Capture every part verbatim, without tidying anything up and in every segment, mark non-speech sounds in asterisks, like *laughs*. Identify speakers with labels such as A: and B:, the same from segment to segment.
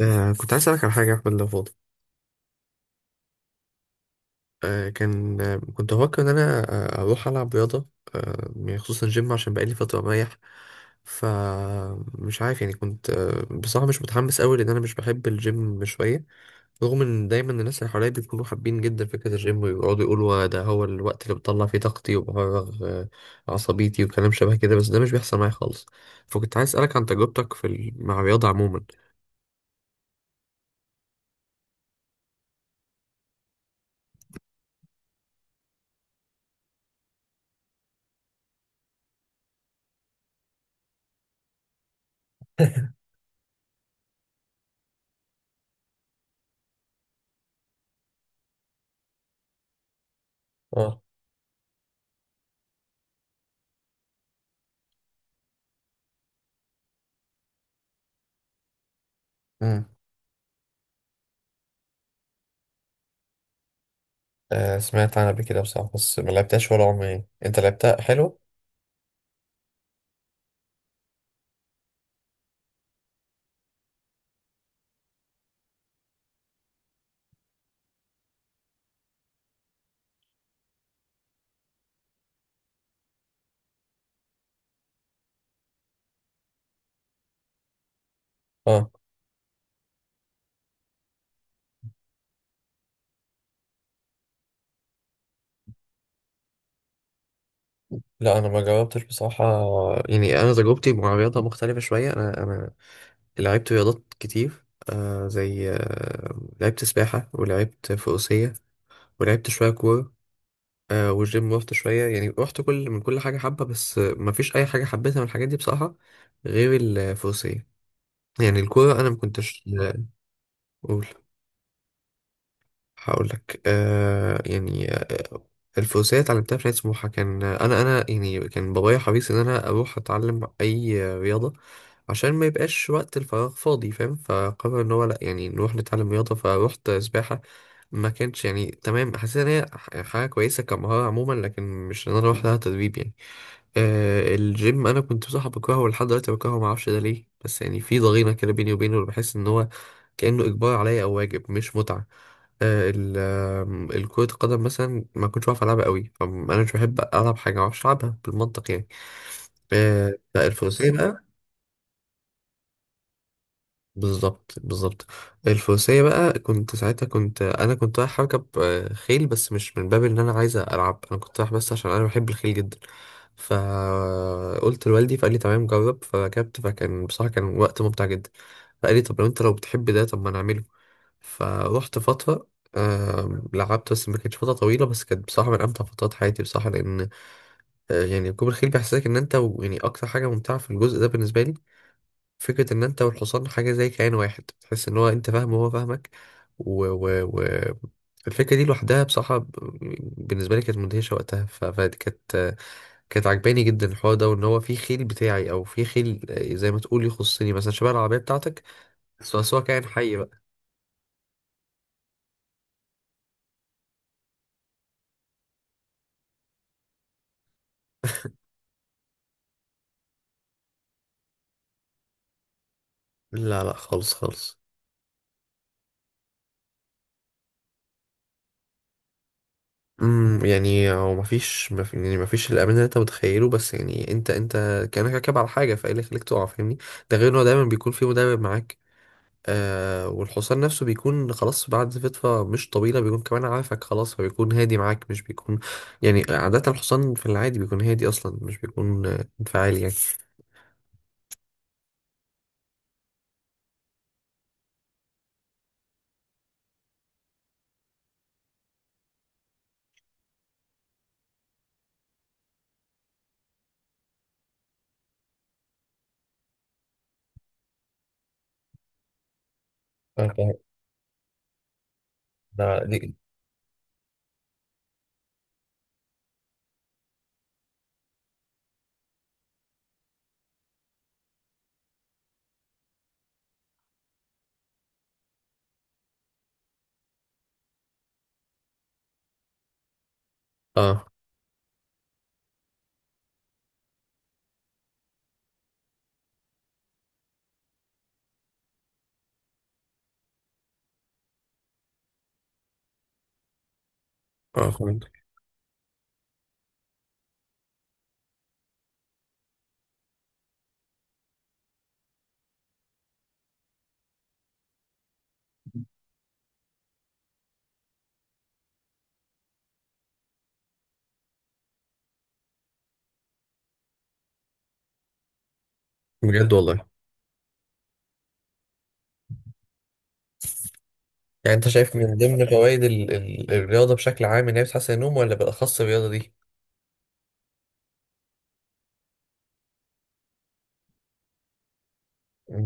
A: آه كنت عايز أسألك على حاجة يا أحمد لو فاضي. آه كان آه كنت بفكر إن أنا آه أروح ألعب رياضة، آه يعني خصوصا جيم، عشان بقالي فترة مريح. فمش عارف، يعني كنت آه بصراحة مش متحمس أوي، لأن أنا مش بحب الجيم شوية، رغم إن دايما الناس اللي حواليا بيكونوا حابين جدا فكرة الجيم ويقعدوا يقولوا "آه، ده هو الوقت اللي بطلع فيه طاقتي وبفرغ آه عصبيتي" وكلام شبه كده، بس ده مش بيحصل معايا خالص. فكنت عايز أسألك عن تجربتك في ال- مع الرياضة عموما. اه، آه، سمعت عنها قبل كده بصراحة، بس ما لعبتهاش ولا عمري. يعني انت لعبتها حلو؟ اه. لا انا ما جربتش بصراحة. يعني انا تجربتي مع الرياضة مختلفة شوية. انا انا لعبت رياضات كتير، آه زي آه لعبت سباحة، ولعبت فروسية، ولعبت شوية كورة، آه والجيم رحت شوية. يعني رحت كل من كل حاجة حبة، بس آه، ما فيش اي حاجة حبيتها من الحاجات دي بصراحة، غير الفروسية. يعني الكورة انا ما كنتش. قول. هقول لك آه يعني آه الفروسية اتعلمتها في نادي سموحة. كان أنا أنا يعني كان بابايا حريص إن أنا أروح أتعلم أي رياضة عشان ما يبقاش وقت الفراغ فاضي، فاهم؟ فقرر إن هو لأ، يعني نروح نتعلم رياضة، فروحت سباحة. ما كانش يعني تمام، حسيت إن هي ح- حاجة كويسة كمهارة عموما، لكن مش إن أنا أروح لها تدريب يعني. آه الجيم أنا كنت بصراحة بكرهه، ولحد دلوقتي بكرهه، معرفش ده ليه، بس يعني في ضغينة كده بيني وبينه، بحس إن هو كأنه إجبار عليا أو واجب مش متعة. آه، ال آم، الكرة القدم مثلا ما كنتش بعرف ألعبها قوي. أم- أنا مش بحب ألعب حاجة ما بعرفش ألعبها بالمنطق يعني. آه، بقى الفروسية بقى. بالظبط بالظبط. الفروسية بقى كنت ساعتها، كنت أنا كنت رايح أركب آه، خيل، بس مش من باب إن أنا عايز ألعب، أنا كنت رايح بس عشان أنا بحب الخيل جدا. فقلت لوالدي فقال لي تمام جرب، فركبت، فكان بصراحة كان وقت ممتع جدا. فقال لي طب لو أنت لو بتحب ده، طب ما نعمله. فروحت فترة، آم، لعبت. بس ما كانتش فترة طويلة، بس كانت بصراحة من أمتع فترات حياتي بصراحة. لأن آه، يعني ركوب الخيل بيحسسك إن أنت و- يعني أكتر حاجة ممتعة في الجزء ده بالنسبة لي فكرة إن أنت والحصان حاجة زي كيان واحد، تحس إن هو أنت فاهمه وهو فاهمك. و... و... و... الفكرة دي لوحدها بصراحة ب- بالنسبة لي كانت مدهشة وقتها. ف... فكانت آه، كانت عجباني جدا الحوار ده، وان هو في خيل بتاعي، او في خيل آه، زي ما تقول يخصني مثلا، شبه العربيه بتاعتك. بس هو بس هو كائن حي بقى. لا لا، خالص خالص. امم، يعني هو مفيش مف... يعني مفيش الامان اللي انت متخيله، بس يعني انت انت كانك راكب على حاجه، فايه اللي يخليك تقع؟ فاهمني. ده غير انه دايما بيكون في مدرب معاك، آه، والحصان نفسه بيكون خلاص بعد فتره مش طويله بيكون كمان عارفك خلاص، فبيكون هادي معاك، مش بيكون، يعني عاده الحصان في العادي بيكون هادي اصلا، مش بيكون آه، انفعالي يعني. أنا فاهم. ده دي- اه. اه فهمت. بجد والله. يعني انت شايف من ضمن فوائد ال- ال- الرياضه بشكل عام ان هي بتحسن النوم، ولا بالاخص الرياضه دي؟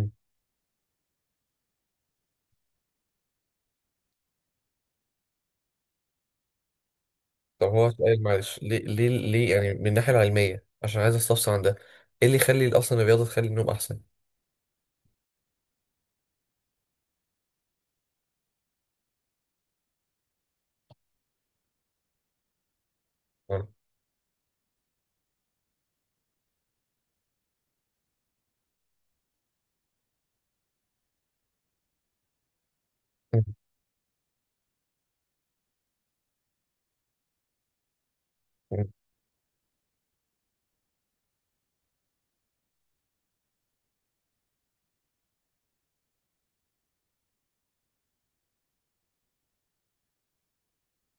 A: طب هو سؤال، معلش، ليه ليه ليه يعني من الناحية العلمية، عشان عايز استفسر عن ده، ايه اللي يخلي اصلا الرياضة تخلي النوم احسن؟ اه. *laughs*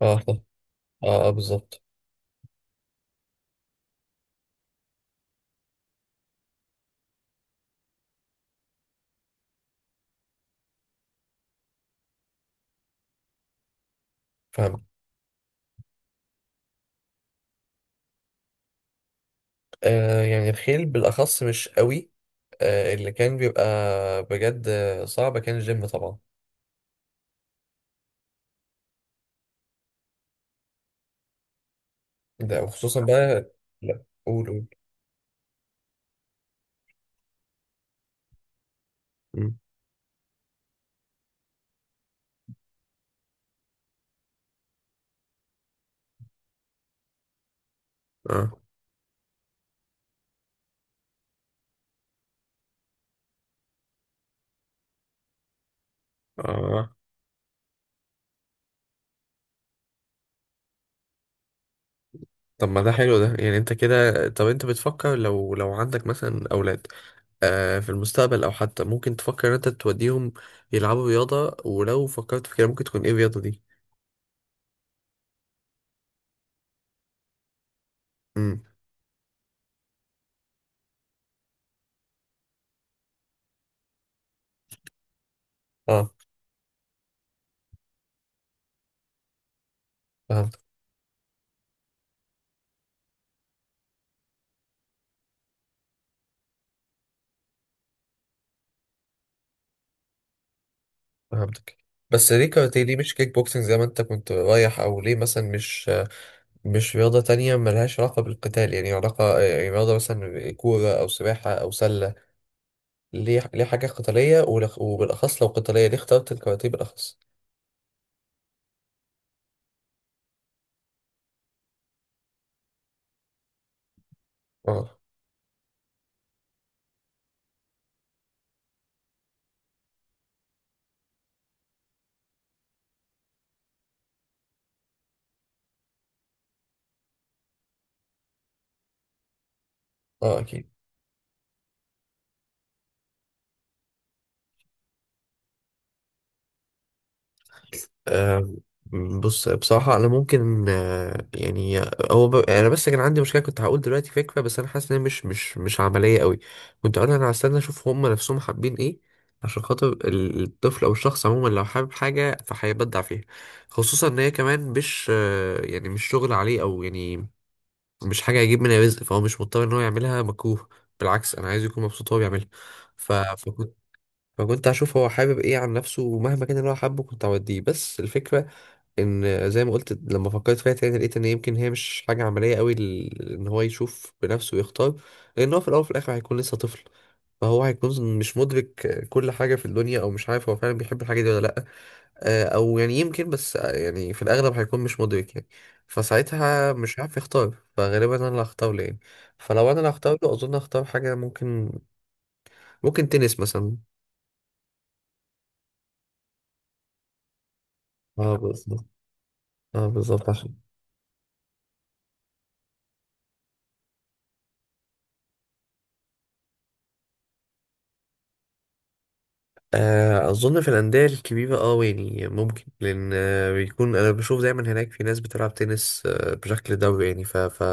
A: اه صح. اه، آه بالظبط. فاهم. آه يعني الخيل بالاخص مش قوي، آه اللي كان بيبقى، بجد آه، صعب كان الجيم طبعا. ده وخصوصا بقى. لا قول قول. مم. اه. اه طب ما ده حلو ده. يعني انت كده، طب انت بتفكر لو لو عندك مثلا اولاد آه، في المستقبل، او حتى ممكن تفكر ان انت توديهم يلعبوا رياضة؟ ولو فكرت في كده، ممكن تكون ايه الرياضة دي؟ امم. اه فهمتك. فهمتك، بس ليه كاراتيه؟ ليه مش كيك بوكسنج زي ما انت كنت رايح؟ او ليه مثلا مش مش رياضة تانية ملهاش علاقة بالقتال، يعني علاقة آه، يعني رياضة مثلا كورة او سباحة او سلة؟ ليه ليه حاجة قتالية؟ ولخ- وبالاخص لو قتالية، ليه اخترت الكاراتيه بالاخص؟ اه. اه اكيد. آه، بص بصراحة أنا ممكن آه، يعني هو ب... أنا بس كان عندي مشكلة، كنت هقول دلوقتي فكرة بس أنا حاسس إن هي مش مش مش عملية قوي. كنت أقول أنا هستنى أشوف هما نفسهم حابين إيه، عشان خاطر ال- الطفل أو الشخص عموما لو حابب حاجة فهيبدع فيها، خصوصا إن هي كمان مش آه، يعني مش شغل عليه، أو يعني مش حاجة هيجيب منها رزق، فهو مش مضطر إن هو يعملها مكروه، بالعكس أنا عايز يكون مبسوط وهو بيعملها. ف... فكنت، فكنت هشوف هو حابب إيه عن نفسه، ومهما كان اللي هو حابه كنت هوديه. بس الفكرة ان زي ما قلت، لما فكرت فيها تاني لقيت ان يمكن هي مش حاجه عمليه قوي ل- ان هو يشوف بنفسه ويختار، لان هو في الاول وفي الاخر هيكون لسه طفل، فهو هيكون مش مدرك كل حاجه في الدنيا، او مش عارف هو فعلا بيحب الحاجه دي ولا لا. آه، او يعني يمكن بس آه، يعني في الاغلب هيكون مش مدرك يعني، فساعتها مش عارف يختار، فغالبا انا اللي هختار له يعني. فلو انا اللي هختار له، اظن هختار حاجه ممكن، ممكن تنس مثلا. اه بالظبط. اه بالظبط عشان آه، اظن في الانديه الكبيره اه يعني ممكن، لان آه، بيكون انا بشوف دايما هناك في ناس بتلعب تنس آه، بشكل دوري يعني. ف... ف...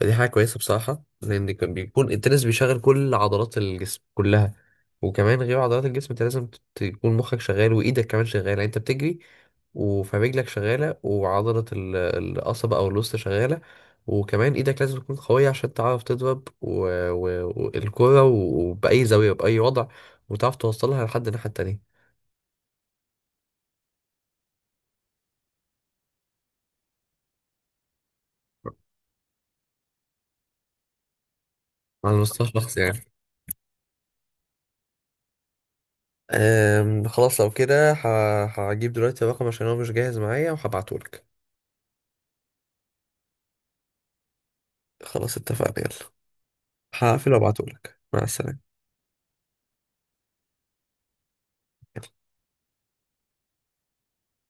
A: فدي حاجه كويسه بصراحه، لان كان بيكون التنس بيشغل كل عضلات الجسم كلها. وكمان غير عضلات الجسم، انت لازم ت- تكون مخك شغال، وايدك كمان شغاله، يعني انت بتجري وفرجلك شغاله، وعضله ال- القصبه او الوسط شغاله، وكمان ايدك لازم تكون قويه عشان تعرف تضرب و... و... والكره وباي زاويه باي وضع، وتعرف توصلها لحد الناحية التانية. على مستوى شخصي يعني. أم خلاص لو كده ه- هجيب دلوقتي الرقم، عشان هو مش جاهز معايا وهبعتهولك. خلاص اتفقنا، يلا، هقفل وابعتهولك. مع السلامة.